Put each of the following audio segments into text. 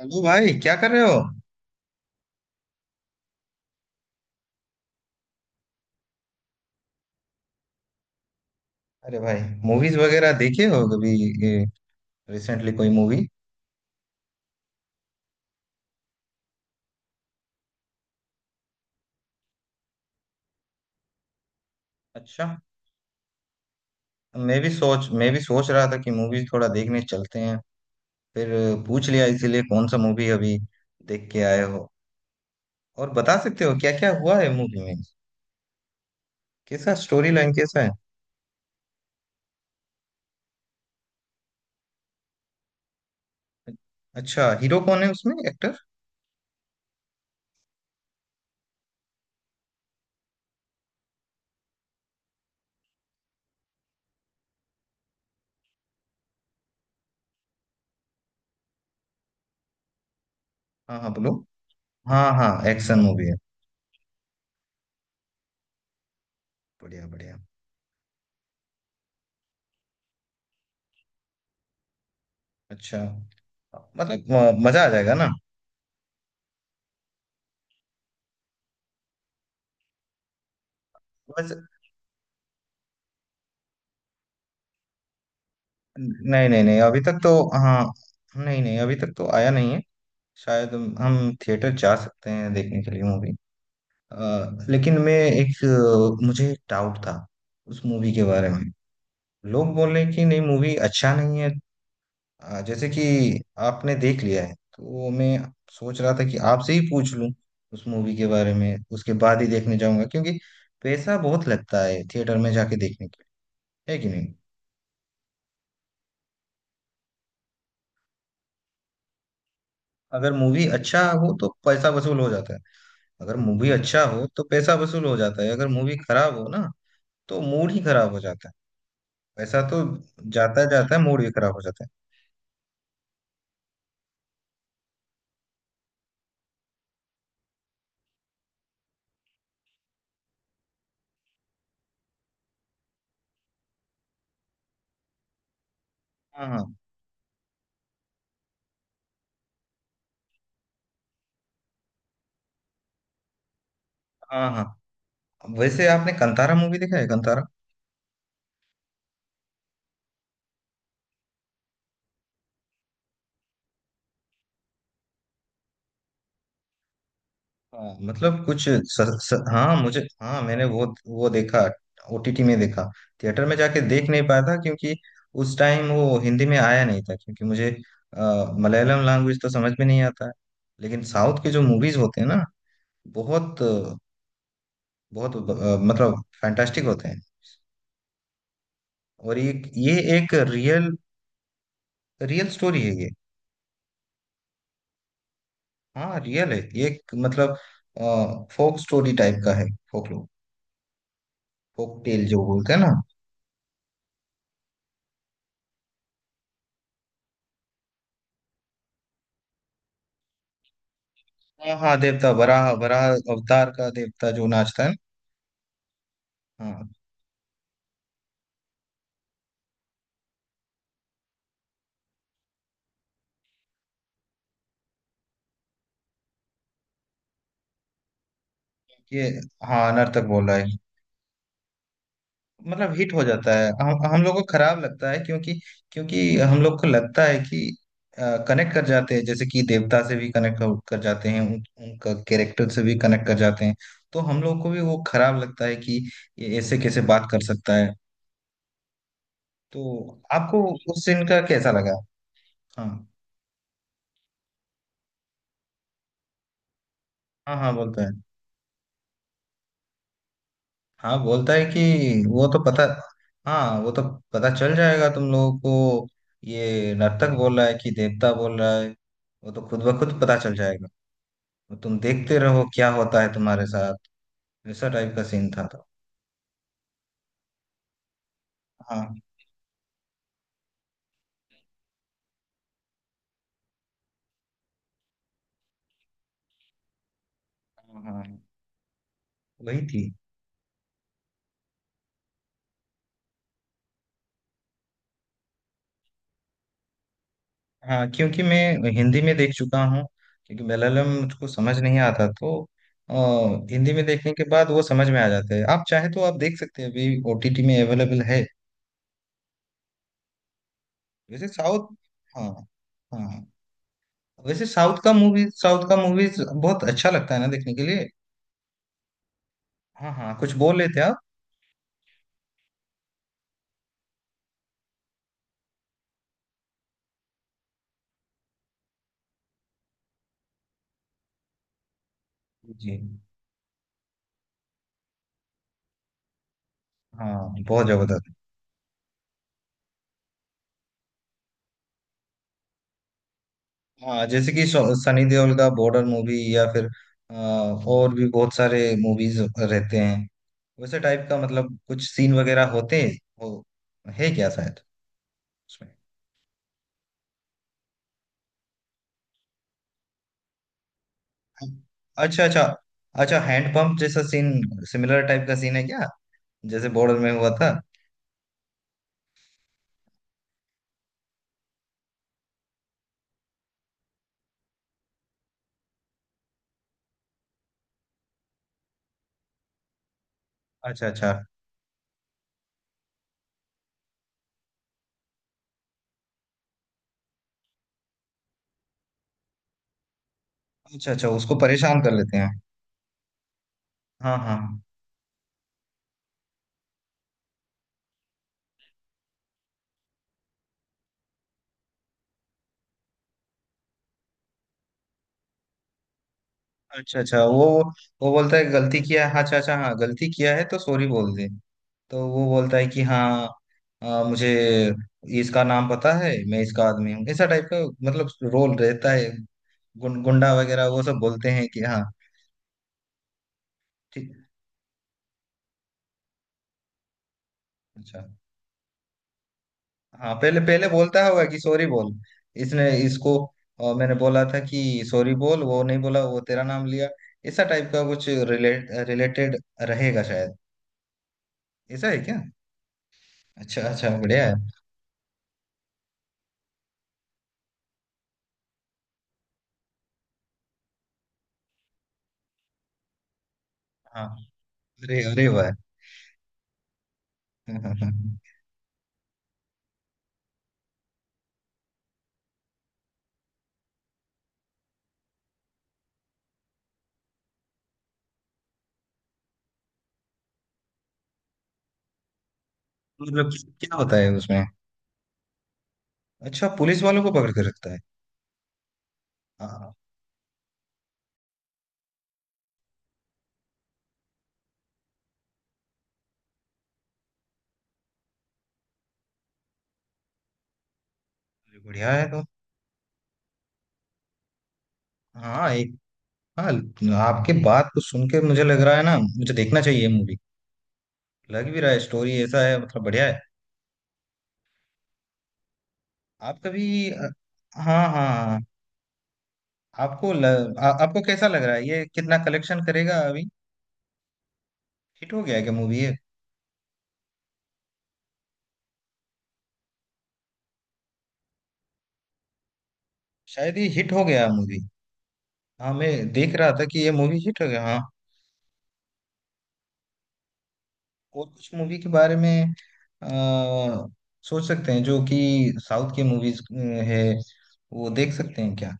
Hello भाई, क्या कर रहे हो। अरे भाई, मूवीज वगैरह देखे हो कभी। रिसेंटली कोई मूवी। अच्छा। मैं भी सोच रहा था कि मूवीज थोड़ा देखने चलते हैं। फिर पूछ लिया इसीलिए कौन सा मूवी अभी देख के आए हो। और बता सकते हो क्या क्या हुआ है मूवी में। कैसा स्टोरी लाइन कैसा है। अच्छा, हीरो कौन है उसमें एक्टर। हाँ हाँ, बोलो। हाँ हाँ, एक्शन मूवी है। बढ़िया बढ़िया। अच्छा। मतलब मजा आ जाएगा ना। बस। नहीं नहीं नहीं, अभी तक तो। हाँ। नहीं नहीं, अभी तक तो आया नहीं है। शायद हम थिएटर जा सकते हैं देखने के लिए मूवी। लेकिन मुझे एक डाउट था उस मूवी के बारे में। लोग बोल रहे कि नहीं मूवी अच्छा नहीं है। जैसे कि आपने देख लिया है तो मैं सोच रहा था कि आपसे ही पूछ लूं उस मूवी के बारे में, उसके बाद ही देखने जाऊंगा क्योंकि पैसा बहुत लगता है थिएटर में जाके देखने के लिए, है कि नहीं। अगर मूवी अच्छा हो तो पैसा वसूल हो जाता है। अगर मूवी अच्छा हो तो पैसा वसूल हो जाता है, अगर मूवी खराब हो ना तो मूड ही खराब हो जाता है। पैसा तो जाता जाता है, मूड भी खराब हो जाता है। हाँ हाँ हाँ हाँ। वैसे आपने कंतारा मूवी देखा है, कंतारा। हाँ मतलब कुछ स, स, हाँ मुझे, हाँ मैंने वो देखा। OTT में देखा। थिएटर में जाके देख नहीं पाया था क्योंकि उस टाइम वो हिंदी में आया नहीं था, क्योंकि मुझे मलयालम लैंग्वेज तो समझ में नहीं आता है। लेकिन साउथ के जो मूवीज होते हैं ना, बहुत बहुत मतलब फैंटास्टिक होते हैं। और ये एक रियल रियल स्टोरी है ये। हाँ रियल है ये, एक मतलब फोक स्टोरी टाइप का है। फोक, फोक टेल जो बोलते हैं ना। हाँ हाँ, देवता वराह वराह अवतार का देवता जो नाचता है ना। हाँ, ये, हाँ, नर्तक बोल रहा है। मतलब हिट हो जाता है, हम लोग को खराब लगता है क्योंकि क्योंकि हम लोग को लगता है कि कनेक्ट कर जाते हैं, जैसे कि देवता से भी कनेक्ट कर जाते हैं, उनका कैरेक्टर से भी कनेक्ट कर जाते हैं। तो हम लोग को भी वो खराब लगता है कि ये ऐसे कैसे बात कर सकता है। तो आपको उस सीन का कैसा लगा। हाँ हाँ हाँ, बोलता है। हाँ बोलता है कि वो तो पता। हाँ वो तो पता चल जाएगा तुम लोगों को, ये नर्तक बोल रहा है कि देवता बोल रहा है, वो तो खुद ब खुद पता चल जाएगा। तो तुम देखते रहो क्या होता है तुम्हारे साथ। ऐसा टाइप का सीन था तो। हाँ हाँ हाँ। वही थी। हाँ क्योंकि मैं हिंदी में देख चुका हूँ, क्योंकि मलयालम मुझको समझ नहीं आता तो। अ, हिंदी में देखने के बाद वो समझ में आ जाते हैं। आप चाहे तो आप देख सकते हैं, अभी OTT में अवेलेबल है। वैसे साउथ हाँ हाँ, वैसे साउथ का मूवीज बहुत अच्छा लगता है ना देखने के लिए। हाँ हाँ, कुछ बोल लेते आप। जी। हाँ बहुत जबरदस्त। हाँ जैसे कि सनी देओल का बॉर्डर मूवी या फिर और भी बहुत सारे मूवीज रहते हैं वैसे टाइप का, मतलब कुछ सीन वगैरह होते हो, है क्या शायद उसमें। अच्छा अच्छा। अच्छा हैंडपंप जैसा सीन। सिमिलर टाइप का सीन है क्या, जैसे बॉर्डर में हुआ था। अच्छा अच्छा। अच्छा अच्छा, उसको परेशान कर लेते हैं। हाँ हाँ हाँ। अच्छा अच्छा, वो बोलता है गलती किया है। अच्छा अच्छा, हाँ गलती किया है तो सॉरी बोल दे। तो वो बोलता है कि हाँ मुझे इसका नाम पता है, मैं इसका आदमी हूँ, ऐसा टाइप का मतलब रोल रहता है। गुंडा वगैरह वो सब बोलते हैं कि हाँ ठीक। अच्छा। हाँ पहले पहले बोलता होगा कि सॉरी बोल, इसने इसको मैंने बोला था कि सॉरी बोल, वो नहीं बोला, वो तेरा नाम लिया, ऐसा टाइप का कुछ रिलेटेड रहेगा शायद। ऐसा है क्या। अच्छा अच्छा बढ़िया है। हाँ। अरे अरे वाह। मतलब क्या होता है उसमें। अच्छा, पुलिस वालों को पकड़ के रखता है। हाँ। अरे बढ़िया है तो। हाँ एक। हाँ। आपके बात को सुन के मुझे लग रहा है ना, मुझे देखना चाहिए मूवी। लग भी रहा है, स्टोरी ऐसा है मतलब, बढ़िया है। आप कभी हाँ हाँ हाँ, आपको ल, आपको कैसा लग रहा है, ये कितना कलेक्शन करेगा अभी। हिट हो गया है क्या मूवी ये। शायद ये हिट हो गया मूवी। हाँ मैं देख रहा था कि ये मूवी हिट हो गया हाँ। और कुछ मूवी के बारे में अ, सोच सकते हैं जो कि साउथ की मूवीज है, वो देख सकते हैं क्या।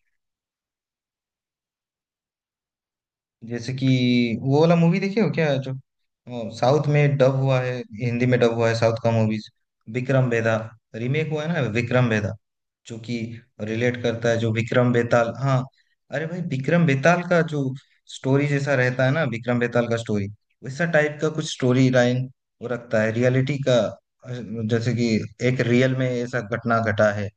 जैसे कि वो वाला मूवी देखे हो क्या जो साउथ में डब हुआ है, हिंदी में डब हुआ है साउथ का मूवीज। विक्रम बेदा। रीमेक हुआ है ना विक्रम बेदा, जो कि रिलेट करता है जो विक्रम बेताल। हाँ। अरे भाई विक्रम बेताल का जो स्टोरी जैसा रहता है ना विक्रम बेताल का स्टोरी, वैसा टाइप का कुछ स्टोरी लाइन वो रखता है, रियलिटी का। अ, जैसे कि एक रियल में ऐसा घटना घटा है,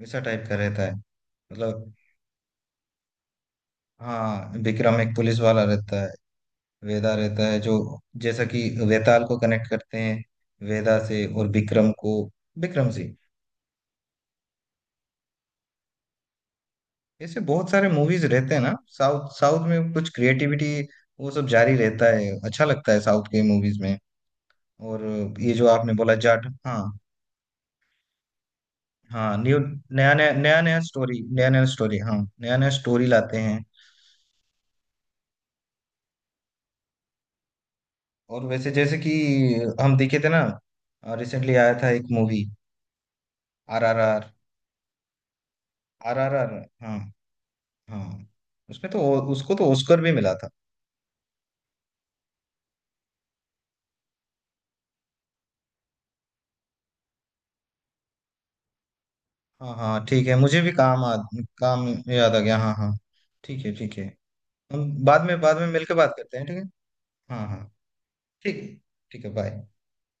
वैसा टाइप का रहता है मतलब। हाँ विक्रम एक पुलिस वाला रहता है, वेदा रहता है जो, जैसा कि वेताल को कनेक्ट करते हैं वेदा से और विक्रम को विक्रम से। ऐसे बहुत सारे मूवीज रहते हैं ना। साउथ साउथ में कुछ क्रिएटिविटी वो सब जारी रहता है, अच्छा लगता है साउथ के मूवीज में। और ये जो आपने बोला जाट। हाँ हाँ न्यू नया नया नया नया स्टोरी, नया नया स्टोरी, हाँ नया नया स्टोरी लाते हैं। और वैसे जैसे कि हम देखे थे ना, रिसेंटली आया था एक मूवी RRR, RRR। हाँ, हाँ। उसमें तो उसको तो ऑस्कर भी मिला था। हाँ हाँ ठीक है, मुझे भी काम याद आ गया। हाँ हाँ, ठीक है ठीक है। हम बाद में मिलकर बात करते हैं ठीक है। हाँ हाँ। ठीक। ठीक है बाय।